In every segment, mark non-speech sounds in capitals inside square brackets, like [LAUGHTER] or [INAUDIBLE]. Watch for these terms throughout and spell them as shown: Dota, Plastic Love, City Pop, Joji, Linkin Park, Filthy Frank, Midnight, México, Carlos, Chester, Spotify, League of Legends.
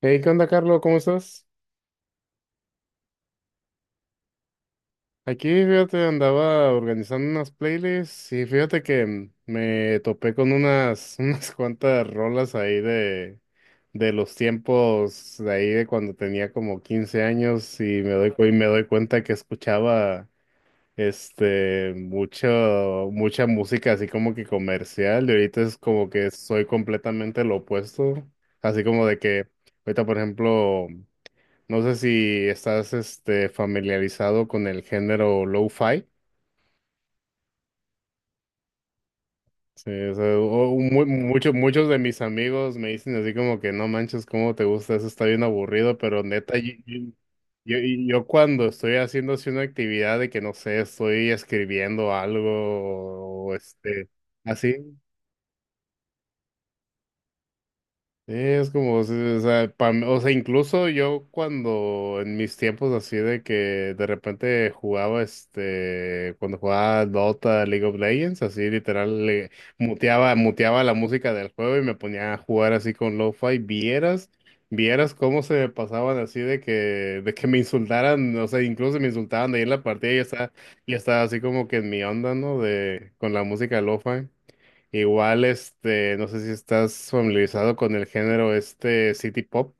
Hey, ¿qué onda, Carlos? ¿Cómo estás? Aquí, fíjate, andaba organizando unas playlists y fíjate que me topé con unas, [LAUGHS] unas cuantas rolas ahí de los tiempos de ahí de cuando tenía como 15 años y y me doy cuenta que escuchaba mucho, mucha música así como que comercial, y ahorita es como que soy completamente lo opuesto, así como de que ahorita, por ejemplo. No sé si estás familiarizado con el género lo-fi. Sí, o sea, muchos de mis amigos me dicen así como que no manches, cómo te gusta, eso está bien aburrido, pero neta, yo- yo cuando estoy haciendo así una actividad de que no sé, estoy escribiendo algo o así. Sí, es como, sí, o sea, o sea, incluso yo cuando en mis tiempos así de que de repente jugaba, cuando jugaba Dota, League of Legends, así literal, le muteaba la música del juego y me ponía a jugar así con lo-fi, vieras cómo se me pasaban así de que me insultaran, o sea, incluso me insultaban de ahí en la partida y ya ya estaba así como que en mi onda, ¿no? De, con la música lo-fi. Igual, no sé si estás familiarizado con el género este City Pop.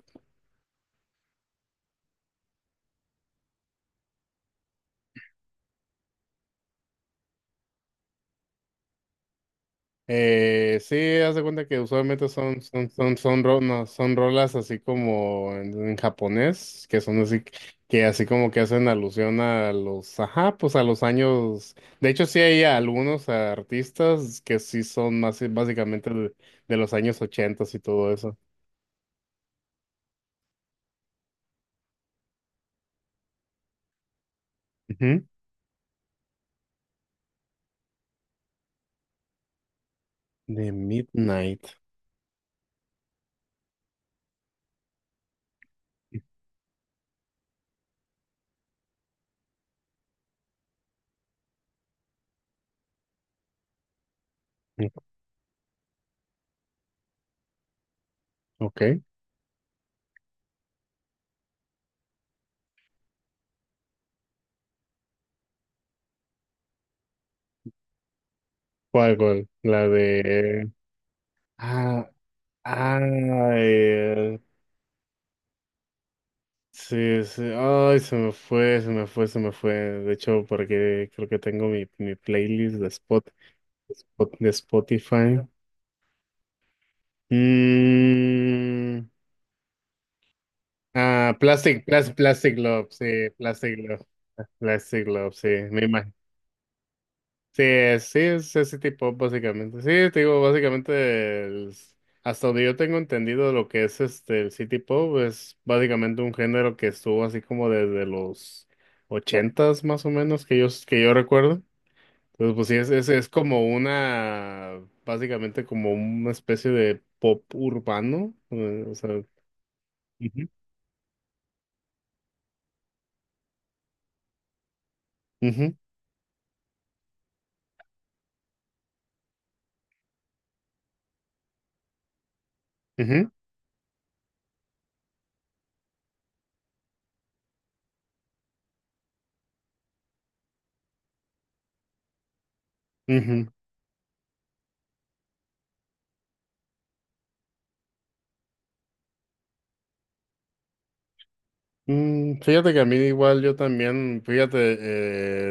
Sí, haz de cuenta que usualmente son, ro- no, son rolas así como en japonés, que son así, que así como que hacen alusión a los, ajá, pues a los años. De hecho, sí hay algunos artistas que sí son más básicamente de los años ochentas y todo eso. Ujú. De Midnight. Ok. ¿Cuál, cuál? La de... Ah, ay, sí, sí. Ay, se me fue. De hecho, porque creo que tengo mi playlist de Spotify. Mm, ah, Plastic Love, sí, Plastic Love. Plastic Love, sí. Me imagino. Sí, sí, es ese tipo, básicamente. Sí, te digo, básicamente, hasta donde yo tengo entendido lo que es el City Pop, es básicamente un género que estuvo así como desde los ochentas más o menos, que yo recuerdo. Entonces, pues sí, es como básicamente como una especie de pop urbano, o sea. Ujú. Ujú, ujú, ujú. Mm, fíjate que a mí igual yo también, fíjate,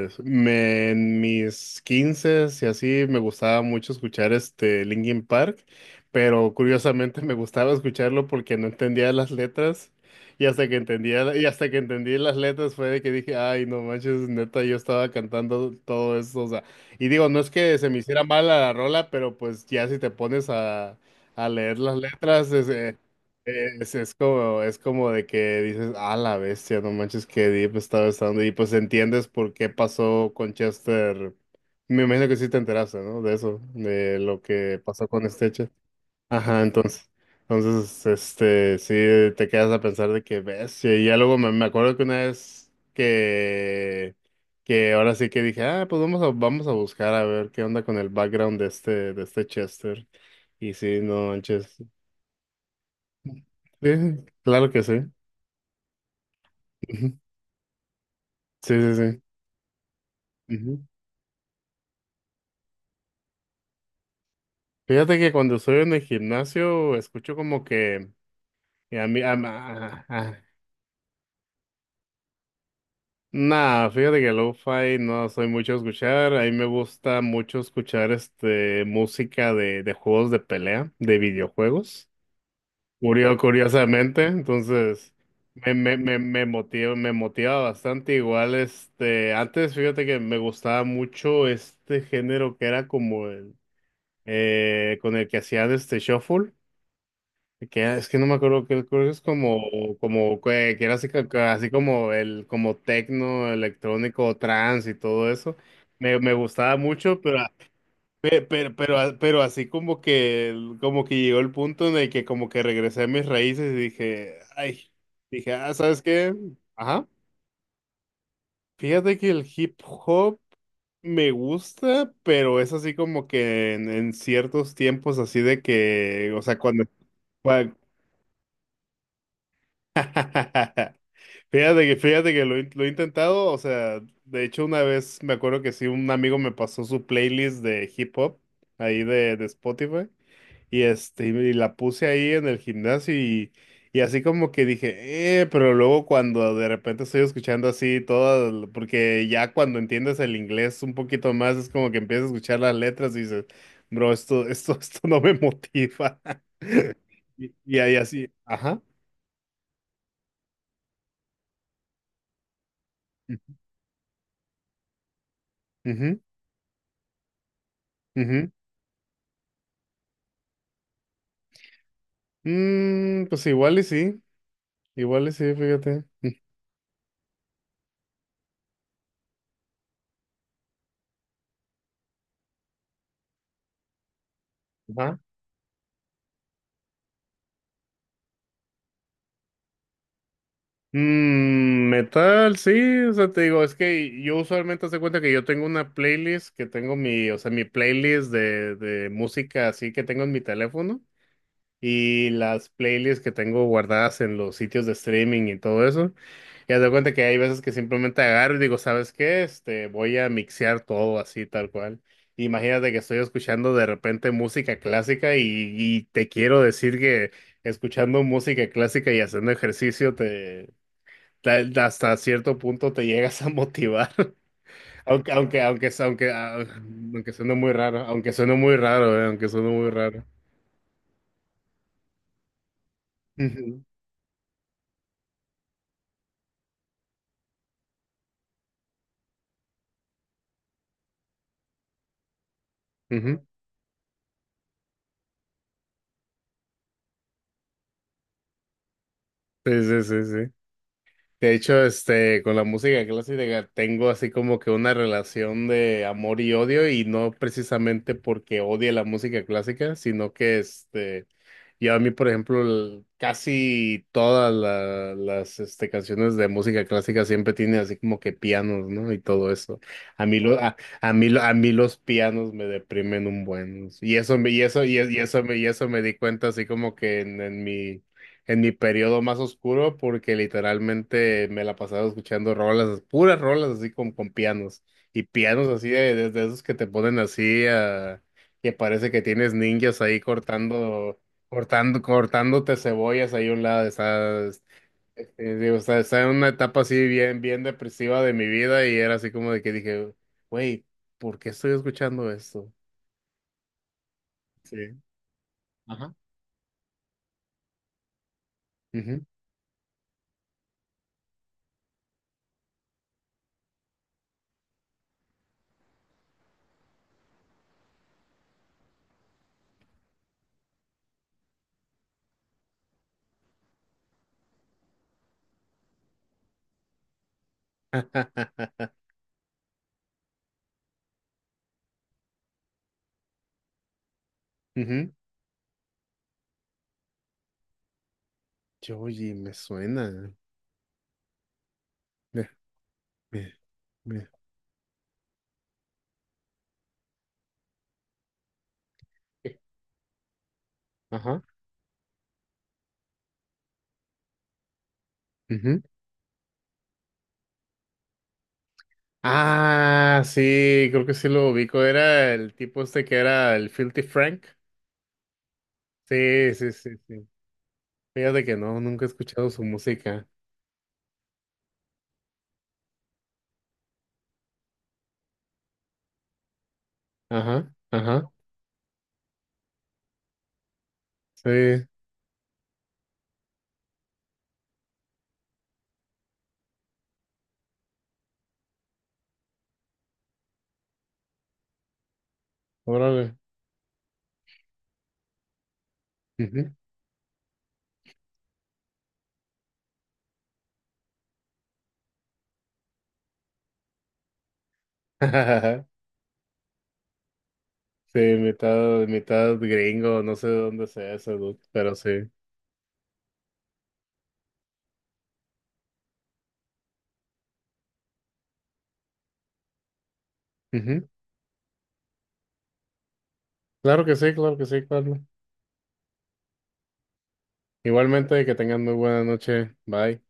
me, en mis 15 y así me gustaba mucho escuchar este Linkin Park, pero curiosamente [LAUGHS] me gustaba escucharlo porque no entendía las letras y hasta que entendí las letras fue de que dije, ay, no manches, neta, yo estaba cantando todo eso, o sea, y digo, no es que se me hiciera mal la rola, pero pues ya si te pones a leer las letras, es, es como de que dices, ah, la bestia, no manches que Deep estaba estando. Y pues entiendes por qué pasó con Chester. Me imagino que sí te enteraste, ¿no? De eso, de lo que pasó con Chester. Ajá, entonces. Entonces, este, sí, te quedas a pensar de que bestia. Y ya luego me acuerdo que una vez que ahora sí que dije, ah, pues vamos a buscar a ver qué onda con el background de de este Chester. Y sí, no manches. Sí, sí, claro que sí. Ujú. Sí, sí, sí. Ujú. Fíjate que cuando estoy en el gimnasio escucho como que a mí, a- nah, fíjate que lo-fi no soy mucho a escuchar. A mí me gusta mucho escuchar música de juegos de pelea, de videojuegos. Curiosamente, entonces me motiva bastante. Igual, antes fíjate que me gustaba mucho este género que era como el con el que hacían este shuffle, que es que no me acuerdo, que creo que es como, como que era así, así como el, como tecno, electrónico, trance y todo eso. Me gustaba mucho, pero, pero, pero así como que, como que llegó el punto en el que como que regresé a mis raíces y dije, ay, dije, ah, ¿sabes qué? Ajá. Fíjate que el hip hop me gusta, pero es así como que en ciertos tiempos así de que, o sea, cuando, cua- [LAUGHS] fíjate fíjate que lo he intentado, o sea, de hecho una vez me acuerdo que sí, un amigo me pasó su playlist de hip hop ahí de Spotify. Y este, y la puse ahí en el gimnasio y así como que dije, pero luego cuando de repente estoy escuchando así todas, porque ya cuando entiendes el inglés un poquito más, es como que empiezas a escuchar las letras y dices, bro, esto, [LAUGHS] esto no me motiva. [LAUGHS] Y, y ahí así, ajá. Ujú, ujú. Mm, pues igual y sí, fíjate. Ujú. Mm, metal, sí, o sea, te digo, es que yo usualmente hace cuenta que yo tengo una playlist que tengo o sea, mi playlist de música así que tengo en mi teléfono y las playlists que tengo guardadas en los sitios de streaming y todo eso. Y haz de cuenta que hay veces que simplemente agarro y digo, ¿sabes qué? Este, voy a mixear todo así, tal cual. Imagínate que estoy escuchando de repente música clásica y te quiero decir que escuchando música clásica y haciendo ejercicio hasta cierto punto te llegas a motivar, [LAUGHS] aunque, ah, aunque suene muy raro. Ujú, ujú. Sí, sí, sí, sí. De hecho, este, con la música clásica tengo así como que una relación de amor y odio, y no precisamente porque odie la música clásica, sino que yo a mí, por ejemplo, casi todas las este, canciones de música clásica siempre tienen así como que pianos, ¿no? Y todo eso. A mí, lo, a, a mí, a mí los pianos me deprimen un buen. Y eso, y eso me di cuenta así como que en mi periodo más oscuro, porque literalmente me la pasaba escuchando rolas, puras rolas así con pianos y pianos así de, de esos que te ponen así que parece que tienes ninjas ahí cortándote cebollas ahí a un lado. Digo, está en una etapa así bien, bien depresiva de mi vida y era así como de que dije, güey, ¿por qué estoy escuchando esto? Sí. Ajá. Ujú. [LAUGHS] Ujú. Joji, me suena. [LAUGHS] Mira. Ajá. Ujú. Ah, sí, creo que sí lo ubico. Era el tipo este que era el Filthy Frank. Sí, sí, sí, sí. Fíjate que no, nunca he escuchado su música. Ajá, ajá. Sí, órale. Ujú. [LAUGHS] Sí, mitad, mitad gringo, no sé de dónde sea ese dude, pero sí. Ujú. Claro que sí, Carlos. Igualmente, que tengan muy buena noche. Bye.